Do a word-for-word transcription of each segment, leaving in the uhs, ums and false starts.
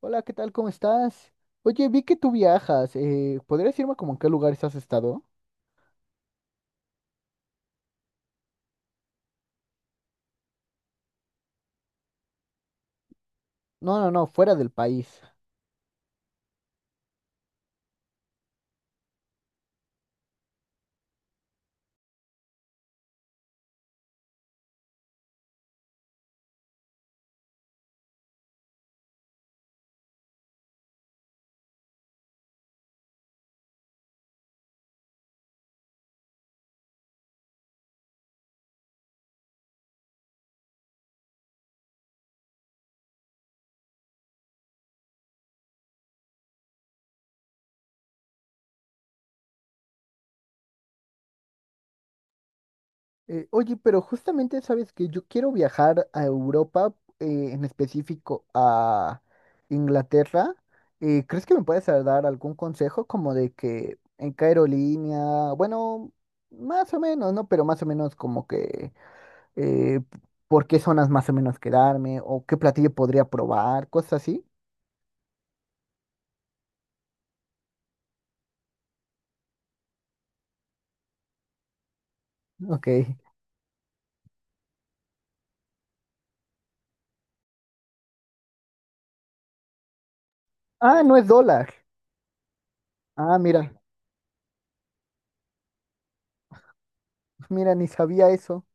Hola, ¿qué tal? ¿Cómo estás? Oye, vi que tú viajas. Eh, ¿podrías decirme como en qué lugares has estado? No, no, no, fuera del país. Eh, oye, pero justamente sabes que yo quiero viajar a Europa, eh, en específico a Inglaterra. Eh, ¿crees que me puedes dar algún consejo como de que en qué aerolínea? Bueno, más o menos, ¿no? Pero más o menos como que eh, por qué zonas más o menos quedarme o qué platillo podría probar, cosas así. Ok. Ah, no es dólar. Ah, mira, mira, ni sabía eso.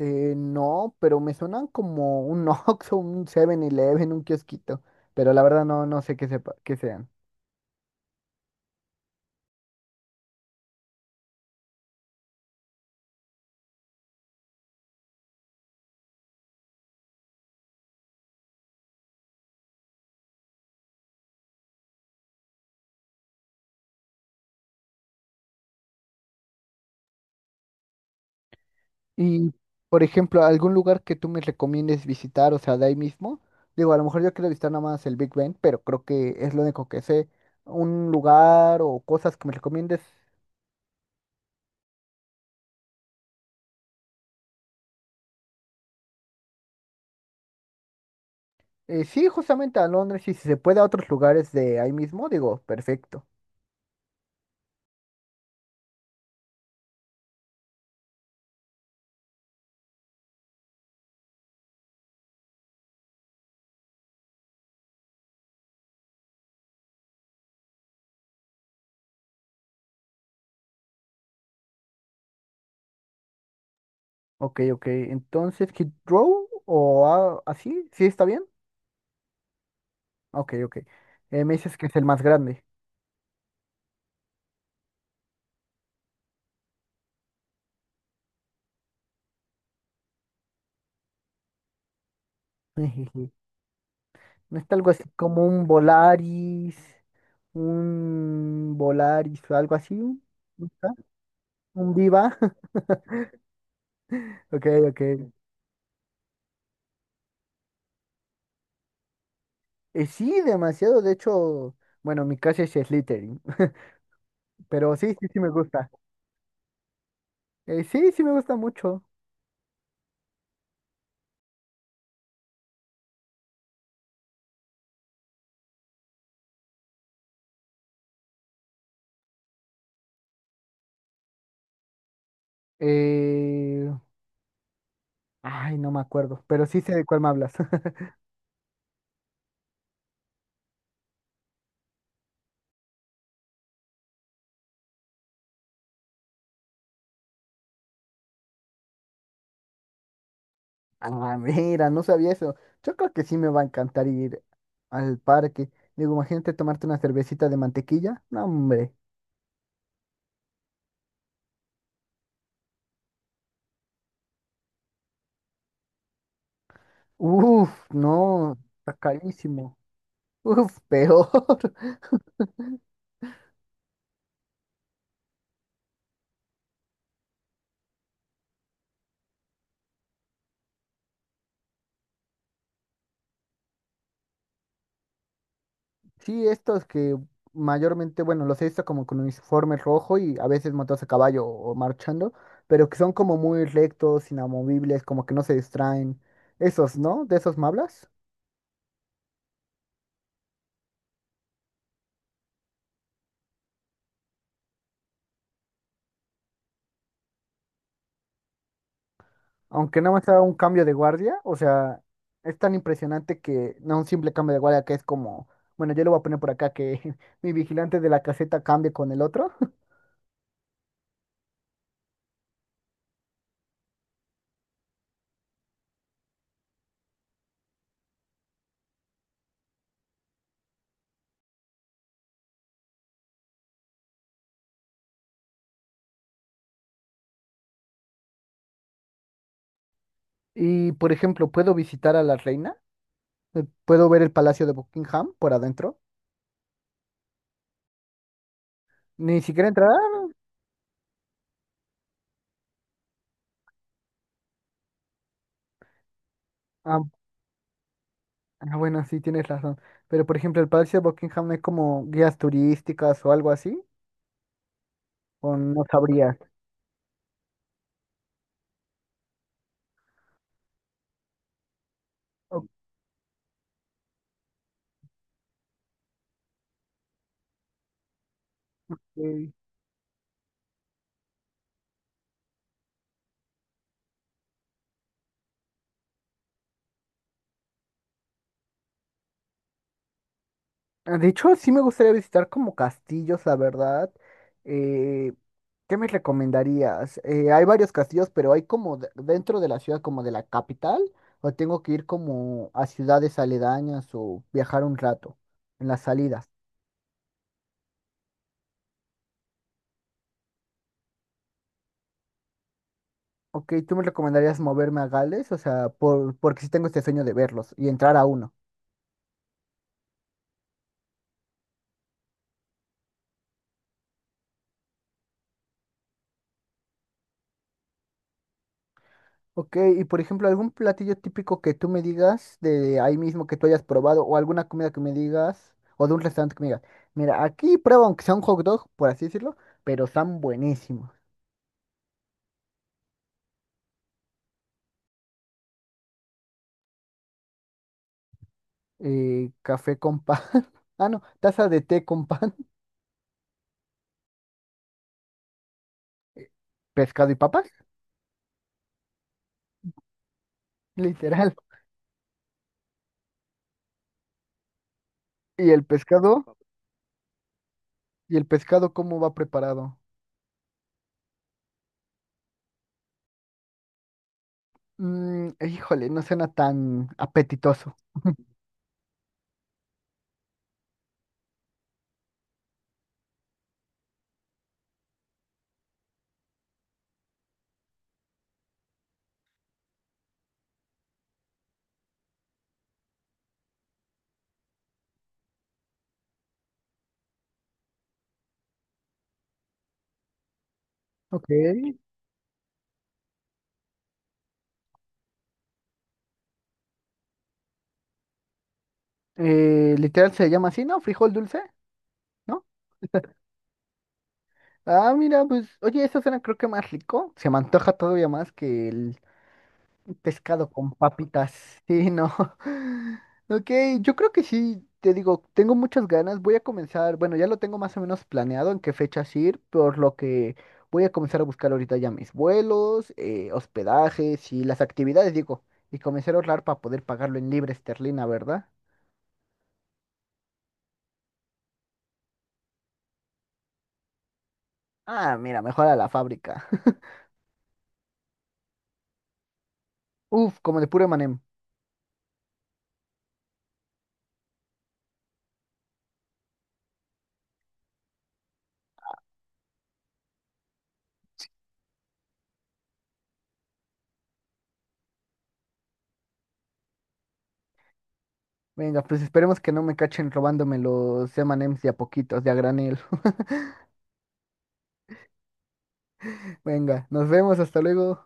Eh, no, pero me suenan como un Oxxo, un Seven eleven un kiosquito. Pero la verdad no, no sé qué sepa, qué sean. Y, por ejemplo, algún lugar que tú me recomiendes visitar, o sea, de ahí mismo. Digo, a lo mejor yo quiero visitar nada más el Big Ben, pero creo que es lo único que sé. Un lugar o cosas que me recomiendes. Eh, sí, justamente a Londres y si se puede a otros lugares de ahí mismo, digo, perfecto. Ok, ok. Entonces, Hit Row o a- así, ¿sí está bien? Ok, ok. Eh, me dices que es el más grande. Ejiji. ¿No está algo así como un Volaris, un Volaris o algo así? ¿No está? ¿Un Viva? Ok, ok. Eh, sí, demasiado. De hecho, bueno, mi casa es Slytherin. Pero sí, sí, sí me gusta. Eh, sí, sí me gusta mucho. Eh, Ay, no me acuerdo. Pero sí sé de cuál me hablas. Ah, mira, no sabía eso. Yo creo que sí me va a encantar ir al parque. Digo, imagínate tomarte una cervecita de mantequilla. No, hombre. Uf, no, está carísimo. Uf, peor. Sí, estos que mayormente, bueno, los he visto como con uniforme rojo y a veces montados a caballo o marchando, pero que son como muy rectos, inamovibles, como que no se distraen. Esos, ¿no? ¿De esos me hablas? Aunque nada más sea un cambio de guardia, o sea, es tan impresionante que no un simple cambio de guardia que es como, bueno, yo lo voy a poner por acá que mi vigilante de la caseta cambie con el otro. Y por ejemplo, puedo visitar a la reina, eh, puedo ver el palacio de Buckingham por adentro, ni siquiera entrar. Ah, ah, bueno, sí, tienes razón. Pero por ejemplo, el palacio de Buckingham no es como guías turísticas o algo así, o no sabrías. Ok. Ah, de hecho, sí me gustaría visitar como castillos, la verdad. Eh, ¿qué me recomendarías? Eh, hay varios castillos, pero hay como de- dentro de la ciudad, como de la capital, o tengo que ir como a ciudades aledañas o viajar un rato en las salidas. Ok, ¿tú me recomendarías moverme a Gales? O sea, por, porque sí tengo este sueño de verlos y entrar a uno. Ok, y por ejemplo, algún platillo típico que tú me digas de ahí mismo que tú hayas probado, o alguna comida que me digas, o de un restaurante que me digas, mira, aquí prueba aunque sea un hot dog, por así decirlo, pero están buenísimos. Eh, café con pan, ah, no, taza de té con pan, pescado y papas, literal. ¿Y el pescado? ¿Y el pescado cómo va preparado? Mm, híjole, no suena tan apetitoso. Ok. Eh, literal se llama así, ¿no? Frijol dulce, ¿no? Ah, mira, pues, oye, eso suena creo que más rico. Se me antoja todavía más que el pescado con papitas. Sí, no. Ok, yo creo que sí, te digo, tengo muchas ganas. Voy a comenzar, bueno, ya lo tengo más o menos planeado en qué fechas ir, por lo que voy a comenzar a buscar ahorita ya mis vuelos, eh, hospedajes y las actividades, digo, y comenzar a ahorrar para poder pagarlo en libre esterlina, ¿verdad? Ah, mira, mejor a la fábrica. Uf, como de puro manem. Venga, pues esperemos que no me cachen robándome los eme and eme's de a poquitos, de a granel. Venga, nos vemos, hasta luego.